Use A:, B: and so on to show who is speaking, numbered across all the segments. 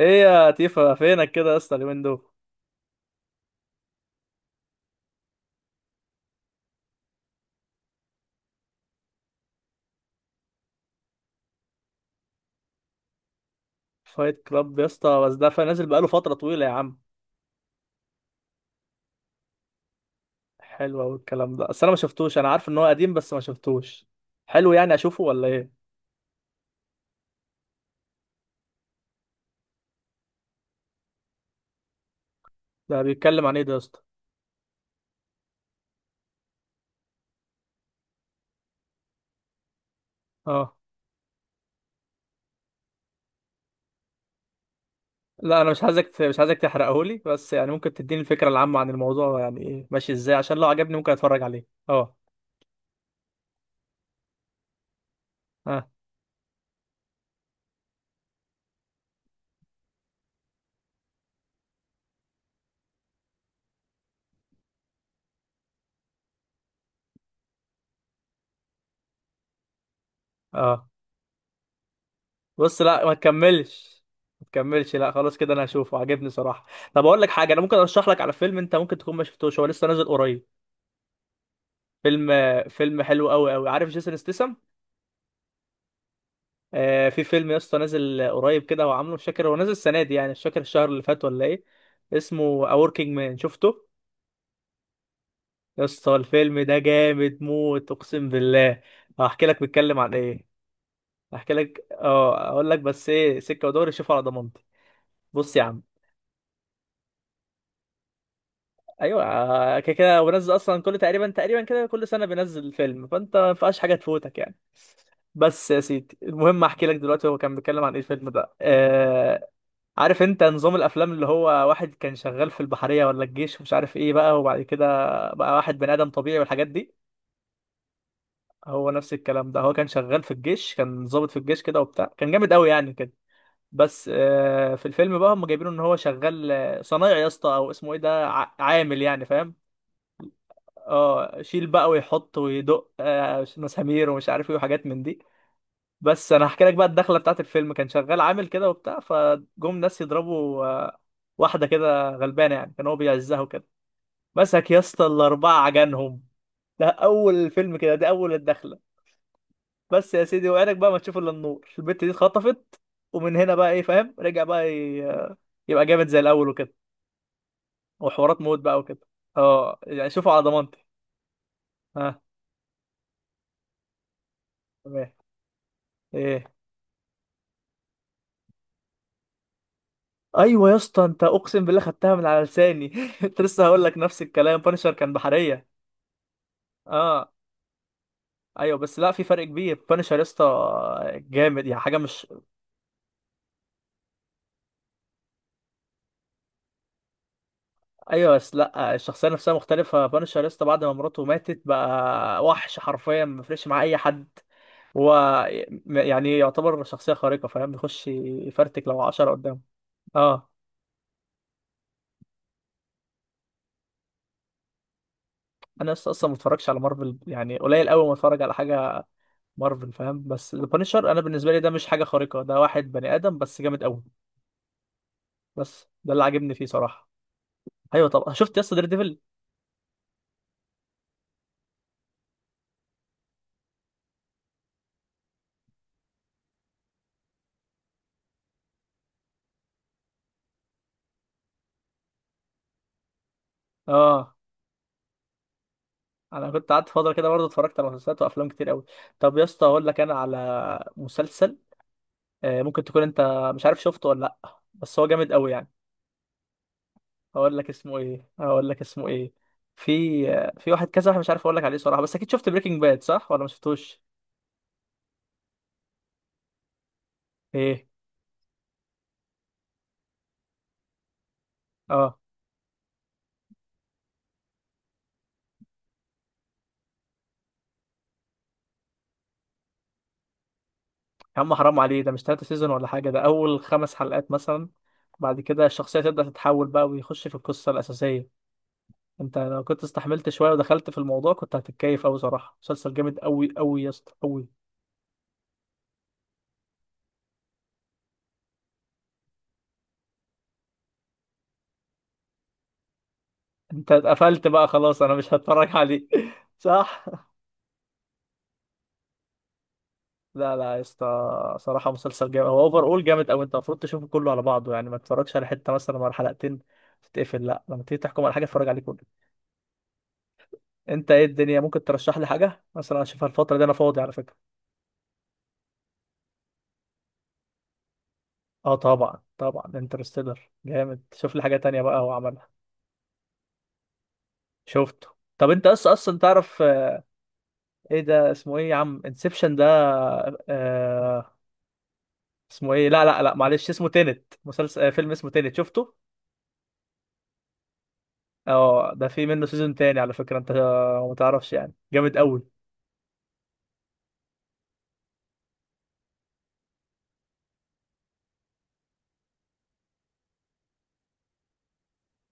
A: ايه يا تيفا، فينك كده يا اسطى اليومين دول؟ فايت كلاب يا اسطى، بس ده نازل بقاله فتره طويله يا عم. حلو قوي الكلام ده، بس انا ما شفتوش، انا عارف ان هو قديم بس ما شفتوش. حلو، يعني اشوفه ولا ايه؟ ده بيتكلم عن ايه ده يا اسطى؟ اه. لا انا مش عايزك مش عايزك تحرقه لي، بس يعني ممكن تديني الفكره العامه عن الموضوع، يعني ايه ماشي ازاي عشان لو عجبني ممكن اتفرج عليه. اه. اه. اه. بص لا، ما تكملش، ما تكملش، لا خلاص كده انا هشوفه، عجبني صراحه. طب اقول لك حاجه، انا ممكن ارشح لك على فيلم انت ممكن تكون ما شفتوش، هو لسه نازل قريب. فيلم. فيلم حلو قوي قوي، عارف جيسون ستاثام؟ آه، في فيلم يا اسطى نازل قريب كده، هو عامله، مش فاكر هو نازل السنه دي يعني، مش فاكر الشهر اللي فات ولا ايه. اسمه A Working Man، شفته؟ يا اسطى الفيلم ده جامد موت اقسم بالله، هحكي لك بيتكلم عن ايه. هحكي لك، اه اقول لك، بس ايه سكه ودوري، شوف على ضمانتي. بص يا عم. ايوه، كده كده هو بينزل اصلا كل تقريبا تقريبا كده، كل سنه بينزل فيلم، فانت ما ينفعش حاجه تفوتك يعني. بس يا سيدي المهم احكي لك دلوقتي هو كان بيتكلم عن ايه الفيلم ده، آه. عارف انت نظام الافلام اللي هو واحد كان شغال في البحرية ولا الجيش ومش عارف ايه بقى، وبعد كده بقى واحد بني ادم طبيعي والحاجات دي. هو نفس الكلام ده، هو كان شغال في الجيش، كان ضابط في الجيش كده وبتاع، كان جامد قوي يعني كده. بس في الفيلم بقى هم جايبينه ان هو شغال صنايعي يا اسطى، او اسمه ايه ده، عامل يعني، فاهم؟ اه. شيل بقى ويحط ويدق مسامير ومش عارف ايه، وحاجات من دي. بس انا هحكي لك بقى الدخله بتاعت الفيلم، كان شغال عامل كده وبتاع، فجم ناس يضربوا واحده كده غلبانه يعني، كان هو بيعزها وكده. مسك يا اسطى الاربعه عجنهم. ده اول الفيلم كده، دي اول الدخله. بس يا سيدي، وعينك بقى ما تشوف الا النور، البت دي اتخطفت. ومن هنا بقى ايه، فاهم، رجع بقى يبقى جامد زي الاول وكده. وحوارات موت بقى وكده. اه يعني شوفوا على ضمانتي. ها. تمام. ايه. ايوه يا اسطى، انت اقسم بالله خدتها من على لساني كنت لسه هقول لك نفس الكلام، بانشر كان بحريه. اه. ايوه بس لا، في فرق كبير بانشر يا اسطى. جامد يعني حاجه مش. ايوه بس لا، الشخصيه نفسها مختلفه، بانشر يا اسطى بعد ما مراته ماتت بقى وحش حرفيا، ما بيفرقش مع اي حد. هو. يعني يعتبر شخصيه خارقه، فاهم، بيخش يفرتك لو عشرة قدامه. اه. انا لسه اصلا ما اتفرجش على مارفل، يعني قليل قوي ما اتفرج على حاجه مارفل، فاهم، بس البانشر انا بالنسبه لي ده مش حاجه خارقه، ده واحد بني ادم بس جامد قوي. بس ده اللي عاجبني فيه صراحه. ايوه، طب شفت يا اسطى دير ديفل؟ اه. انا كنت قعدت فتره كده برضه اتفرجت على مسلسلات وافلام كتير قوي. طب يا اسطى اقول لك انا على مسلسل، ممكن تكون انت مش عارف شفته ولا لا، بس هو جامد قوي يعني. اقول لك اسمه ايه، اقول لك اسمه ايه. في في واحد كذا، واحد مش عارف اقول لك عليه صراحه، بس اكيد شفت بريكنج باد صح ولا ما شفتوش؟ ايه. اه. يا عم حرام عليه، ده مش تلاتة سيزون ولا حاجه، ده اول خمس حلقات مثلا. بعد كده الشخصيه تبدا تتحول بقى، ويخش في القصه الاساسيه. انت لو كنت استحملت شويه ودخلت في الموضوع كنت هتتكيف قوي صراحه، مسلسل جامد قوي قوي يا اسطى قوي. انت اتقفلت بقى خلاص، انا مش هتفرج عليه صح. لا لا يا اسطى، صراحه مسلسل جامد، هو اوفر اول جامد. او انت المفروض تشوفه كله على بعضه يعني، ما تتفرجش على حته مثلا ولا حلقتين تتقفل. لا لما تيجي تحكم على حاجه اتفرج عليه كله. انت ايه الدنيا، ممكن ترشح لي حاجه مثلا اشوفها الفتره دي، انا فاضي على فكره. اه طبعا طبعا، انترستيلر جامد، شوف لي حاجه تانية بقى هو عملها. شفته. طب انت اصلا اصلا تعرف، ايه ده اسمه ايه يا عم، انسبشن ده. آه. اسمه ايه، لا لا لا معلش، اسمه تينت، مسلسل، فيلم اسمه تينت، شفته؟ اه، ده في منه سيزون تاني على فكرة، انت ما تعرفش يعني، جامد قوي.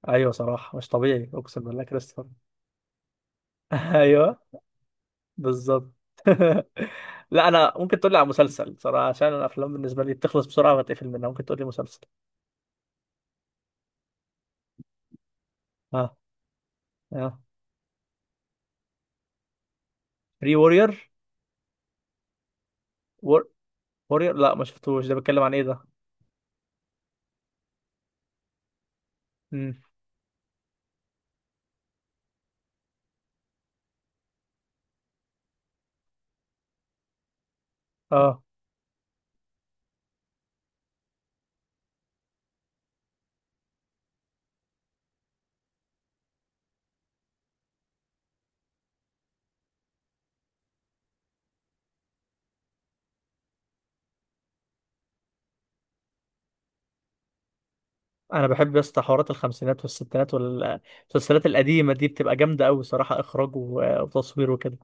A: ايوه صراحة مش طبيعي اقسم بالله، كريستوفر. ايوه. بالظبط. لا انا ممكن تقول لي على مسلسل صراحة، عشان الافلام بالنسبة لي بتخلص بسرعة وبتقفل منها، ممكن تقول لي مسلسل. ها. ها. ري وورير. وور... وورير، لا ما شفتوش، ده بيتكلم عن ايه ده؟ امم. اه انا بحب يا اسطى حوارات الخمسينات والستينات والمسلسلات القديمة دي، بتبقى جامدة قوي صراحة، اخراج وتصوير وكده.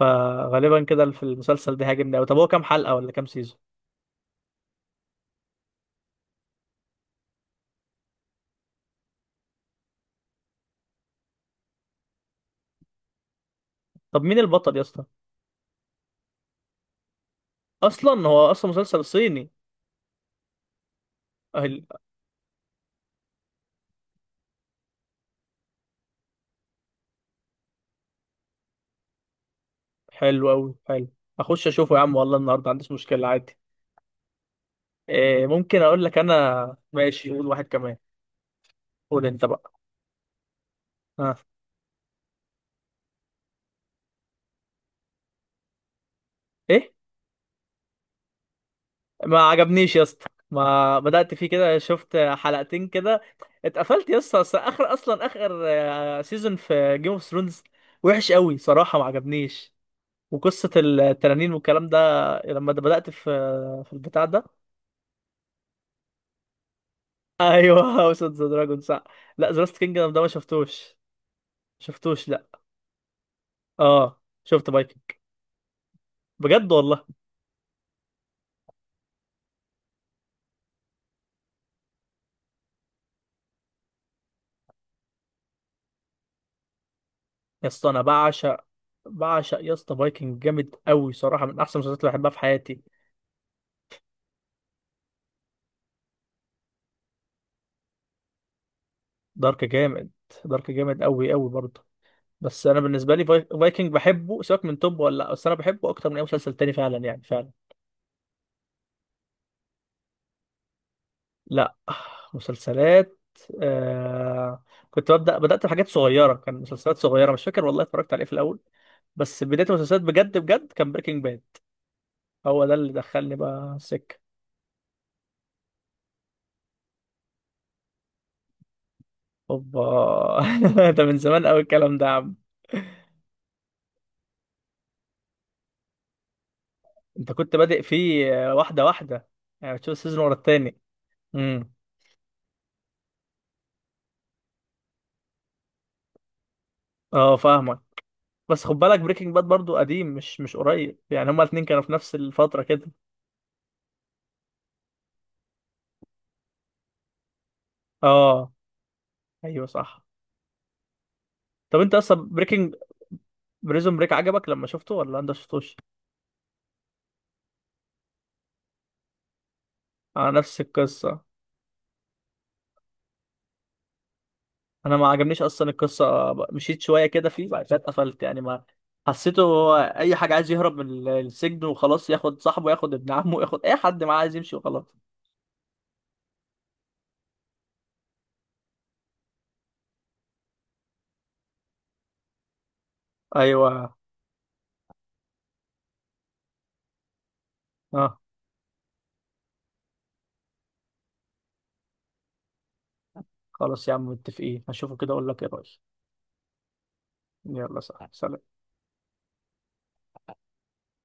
A: فغالبا كده في المسلسل ده هاجمني قوي. طب هو كام حلقة ولا كام سيزون؟ طب مين البطل يا اسطى؟ اصلا هو اصلا مسلسل صيني؟ أهل- حلو قوي، حلو. اخش اشوفه يا عم، والله النهارده ما عنديش مشكلة، عادي. إيه، ممكن اقول لك انا ماشي، قول واحد كمان. قول انت بقى. ها. ايه. ما عجبنيش يا اسطى. ما بدأت فيه كده، شفت حلقتين كده اتقفلت يا اسطى. أصل اخر، اصلا اخر سيزون في جيم اوف ثرونز وحش قوي صراحة، ما عجبنيش. وقصة التنانين والكلام ده، لما ده بدأت في في البتاع ده. ايوه هاوس اوف ذا دراجون، صح. لا ذا لاست كينجدم ده ما شفتوش. شفتوش، لا. اه شفت فايكنج، بجد والله. يا اسطى انا بعشق، بعشق يا اسطى فايكنج جامد قوي صراحة، من احسن المسلسلات اللي بحبها في حياتي. دارك جامد. دارك جامد قوي قوي برضه. بس انا بالنسبة لي فايكنج بحبه، سواء من توب ولا لا، بس انا بحبه اكتر من اي مسلسل تاني فعلا يعني فعلا. لا. مسلسلات، آه... كنت ببدأ، بدأت بحاجات صغيرة، كان مسلسلات صغيرة مش فاكر والله اتفرجت عليه في الأول. بس بداية المسلسلات بجد بجد كان بريكنج باد، هو ده اللي دخلني بقى السكة. اوبا. ده من زمان قوي الكلام ده يا عم. انت كنت بادئ فيه واحدة واحدة، يعني بتشوف السيزون ورا التاني. امم. اه فاهمك. بس خد بالك بريكنج باد برضو قديم، مش قريب يعني، هما الاتنين كانوا في نفس الفترة كده. اه. ايوه صح. طب انت اصلا بريزون بريك عجبك لما شفته ولا انت شفتوش؟ انا نفس القصه، انا ما عجبنيش اصلا القصه. مشيت شويه كده فيه بعد كده اتقفلت، يعني ما حسيته، هو اي حاجه عايز يهرب من السجن وخلاص، ياخد صاحبه، ياخد ابن عمه، ياخد اي حد معاه، عايز يمشي وخلاص. ايوه. اه. خلاص يا عم متفقين، هشوفه كده اقول لك ايه رايي. يلا صح، سلام.